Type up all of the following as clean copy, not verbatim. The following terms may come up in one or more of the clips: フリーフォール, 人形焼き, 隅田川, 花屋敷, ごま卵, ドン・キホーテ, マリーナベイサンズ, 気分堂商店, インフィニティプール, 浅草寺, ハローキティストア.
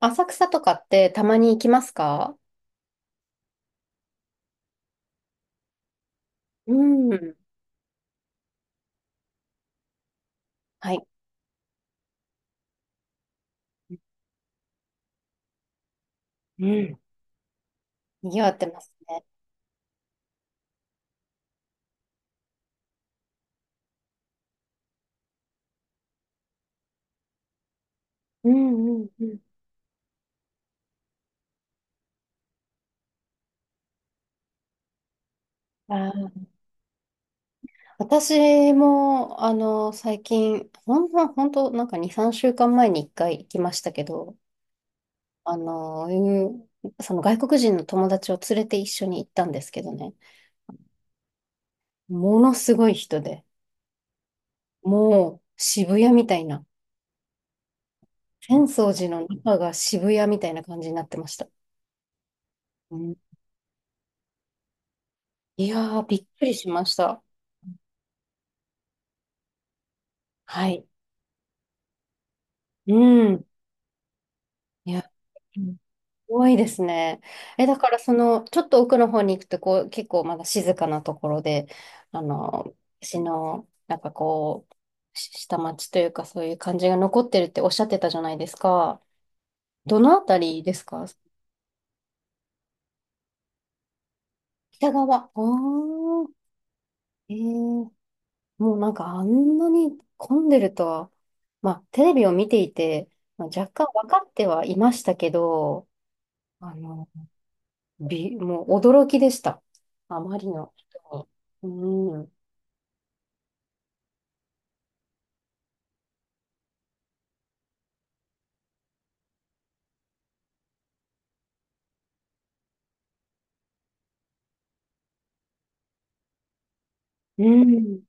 浅草とかってたまに行きますか？うん。はい。うん。賑わってますね。うんうんうん。あー、私も、最近、ほんと、なんか2、3週間前に1回行きましたけど、うん、その外国人の友達を連れて一緒に行ったんですけどね、ものすごい人で、もう渋谷みたいな、浅草寺の中が渋谷みたいな感じになってました。うん。いやー、びっくりしました。はい。うん。いや、うん、多いですね。だからその、ちょっと奥の方に行くと、こう、結構まだ静かなところで、私の、なんかこう、下町というか、そういう感じが残ってるっておっしゃってたじゃないですか。どのあたりですか？北側。おー、えー、もうなんかあんなに混んでるとは、まあ、テレビを見ていて、まあ、若干分かってはいましたけど、あのび、もう驚きでした。あまりの人に。うん。うん。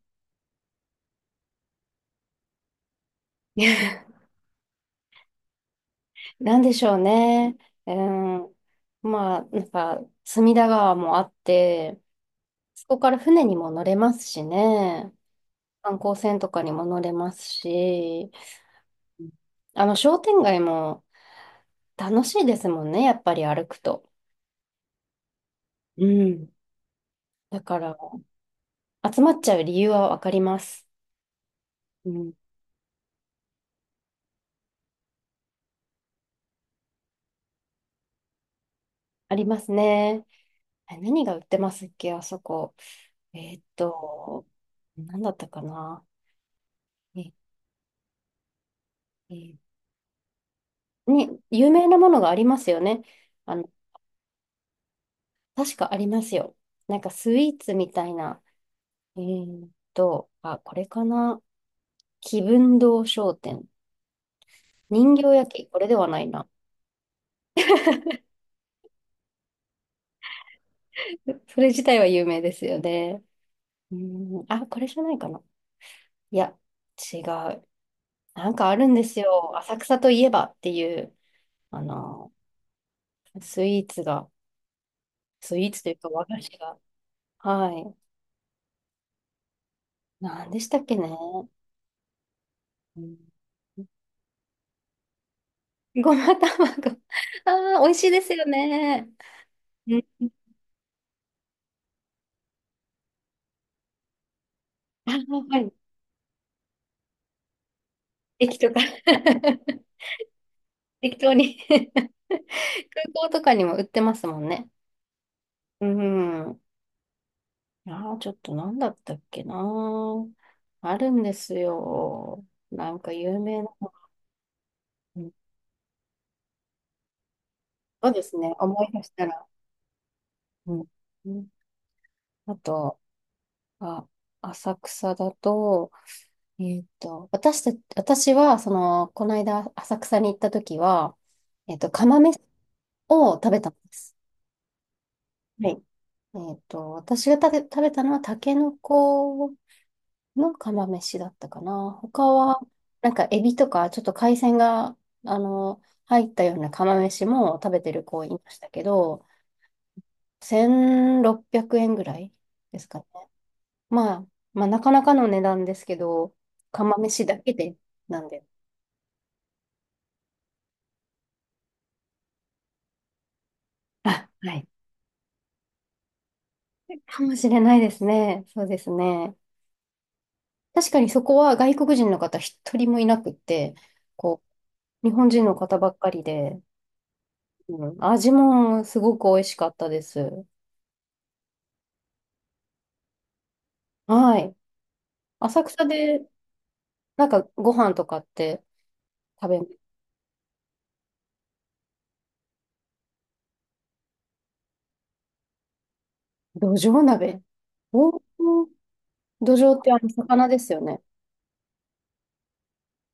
なんでしょうね。うん。まあ、なんか、隅田川もあって、そこから船にも乗れますしね。観光船とかにも乗れますし、うん、商店街も楽しいですもんね、やっぱり歩くと。うん。だから、集まっちゃう理由はわかります。うん。ありますね。何が売ってますっけ、あそこ。えーっと、何だったかな。え、えに、有名なものがありますよね。あの、確かありますよ。なんかスイーツみたいな。あ、これかな。気分堂商店。人形焼き、これではないな。それ自体は有名ですよね。うん、あ、これじゃないかな。いや、違う。なんかあるんですよ。浅草といえばっていう、あの、スイーツが。スイーツというか和菓子が。はい。何でしたっけね。うん、ごま卵。ああ、美味しいですよね。うん。あー、はい。駅とか 適当に 空港とかにも売ってますもんね。うん。ああ、ちょっと何だったっけな。あるんですよ。なんか有名な。うん。そうですね。思い出したら。うん。うん。あと、あ、浅草だと、えーっと、私私は、この間、浅草に行った時は、釜飯を食べたんです。はい。私がたけ食べたのは、タケノコの釜飯だったかな。他は、なんか、エビとか、ちょっと海鮮が、あの、入ったような釜飯も食べてる子いましたけど、1600円ぐらいですかね。まあ、まあ、なかなかの値段ですけど、釜飯だけで、なんで。あ、はい。かもしれないですね。そうですね。確かにそこは外国人の方一人もいなくって、こう、日本人の方ばっかりで、うん、味もすごく美味しかったです。はい。浅草で、なんかご飯とかって食べ、どじょう鍋。おー、どじょうってあの魚ですよね。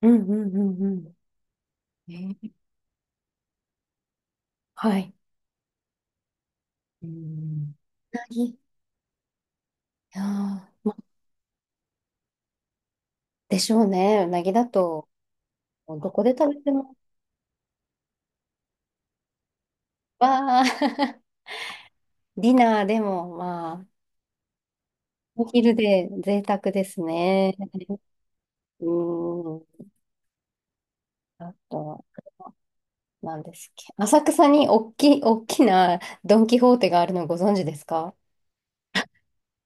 うんうんうんうん。はい。うん。うなぎ。いやー、でしょうね。うなぎだと、どこで食べても、わー、ディナーでも、まあ、お昼で贅沢ですね。うん。あと、何ですっけ。浅草に大きなドン・キホーテがあるのご存知ですか？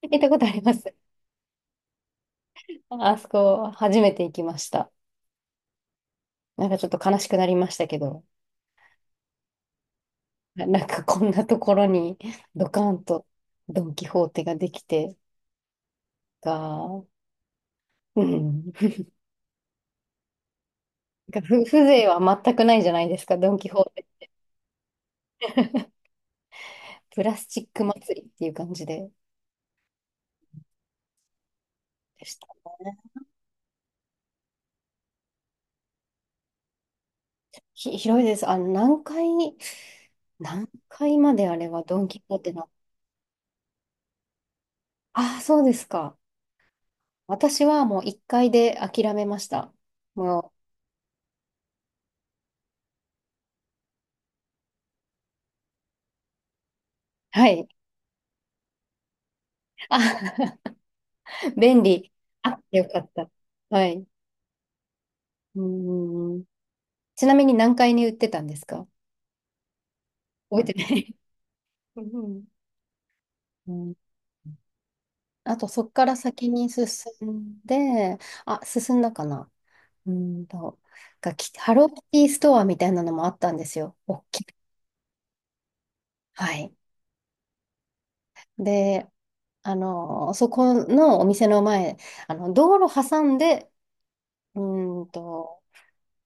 行ったことあります。あそこ、初めて行きました。なんかちょっと悲しくなりましたけど、なんかこんなところにドカンとドン・キホーテができてが、うん。なんか風情は全くないじゃないですか、ドン・キホーテ。プラスチック祭りっていう感じで。でしたね。広いです。何階まであれはドン・キホーテな。ああ、そうですか。私はもう1階で諦めました。もう、はい。あ、便利。あ、よかった。はい。うんん。ちなみに何階に売ってたんですか？覚えてない。うんうんうん。あと、そこから先に進んで、あ、進んだかな。うーんと、ハローキティストアみたいなのもあったんですよ。はい。で、そこのお店の前、道路挟んで、うーんと、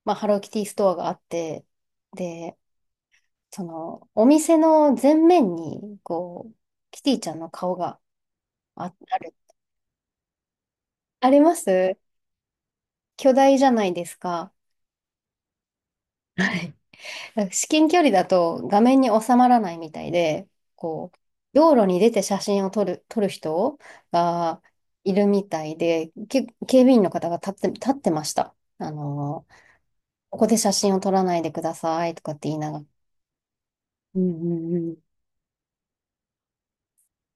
まあ、ハローキティストアがあって、で、その、お店の前面に、こう、キティちゃんの顔がある。あります。巨大じゃないですか。はい。なんか至近距離だと画面に収まらないみたいで、こう、道路に出て写真を撮る人がいるみたいで、警備員の方が立ってました。ここで写真を撮らないでくださいとかって言いながら。うんうんうん。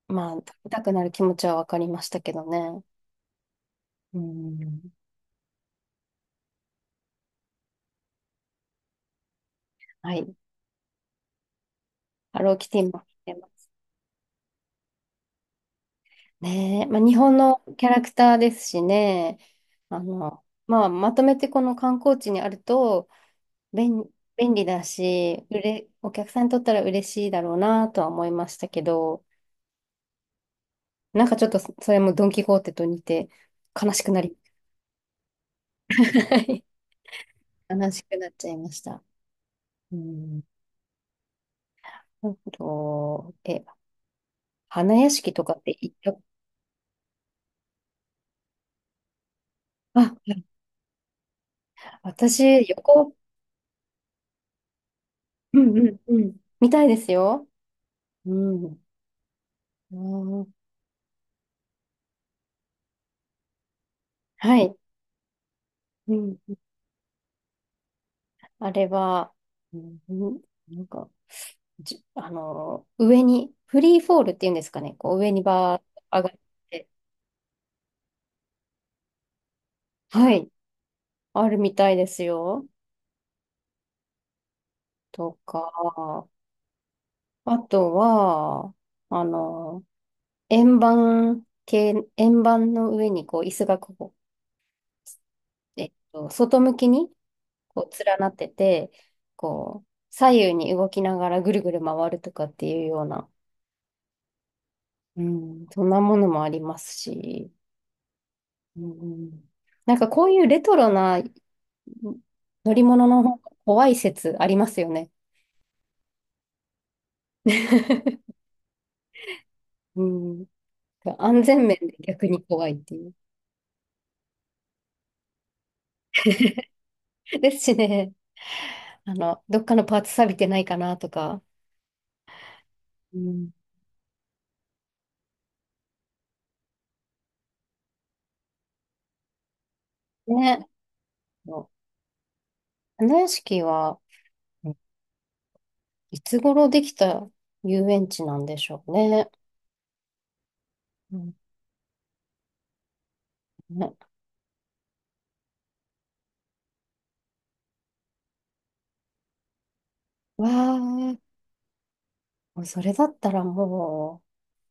まあ、撮りたくなる気持ちはわかりましたけどね。うん。はい。ハローキティも来てますね。まあ、日本のキャラクターですしね。まあ、まとめてこの観光地にあると、便、便利だし、お客さんにとったら嬉しいだろうなとは思いましたけど、なんかちょっとそれもドン・キホーテと似て悲しくなり、悲しくなっちゃいました。うん。あと、花屋敷とかって行った、あ、私、横、うんうんうん、みたいですよ。うん。うん、はい。うん。あれは、うん、なんか、上に、フリーフォールっていうんですかね。こう上にバーッと上がって、はい、あるみたいですよ。とか、あとは、あの、円盤系、円盤の上にこう椅子がこう、外向きにこう連なってて、こう、左右に動きながらぐるぐる回るとかっていうような、うん、そんなものもありますし、うん、なんかこういうレトロな乗り物の方が怖い説ありますよね。うん。安全面で逆に怖いっていう。ですしね、どっかのパーツ錆びてないかなとか。うん。ね。花屋敷は、うん、いつ頃できた遊園地なんでしょうね。うん。ね。わあ、もうそれだったらも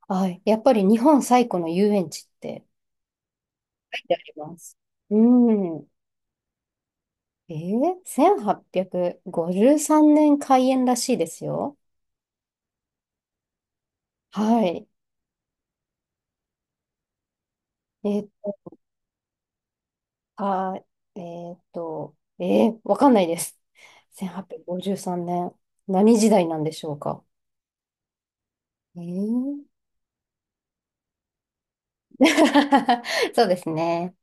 う、あ、やっぱり日本最古の遊園地って書いてあります。うん。1853年開園らしいですよ。はい。えっと、あ、えわかんないです。1853年。何時代なんでしょうか。えー、そうですね。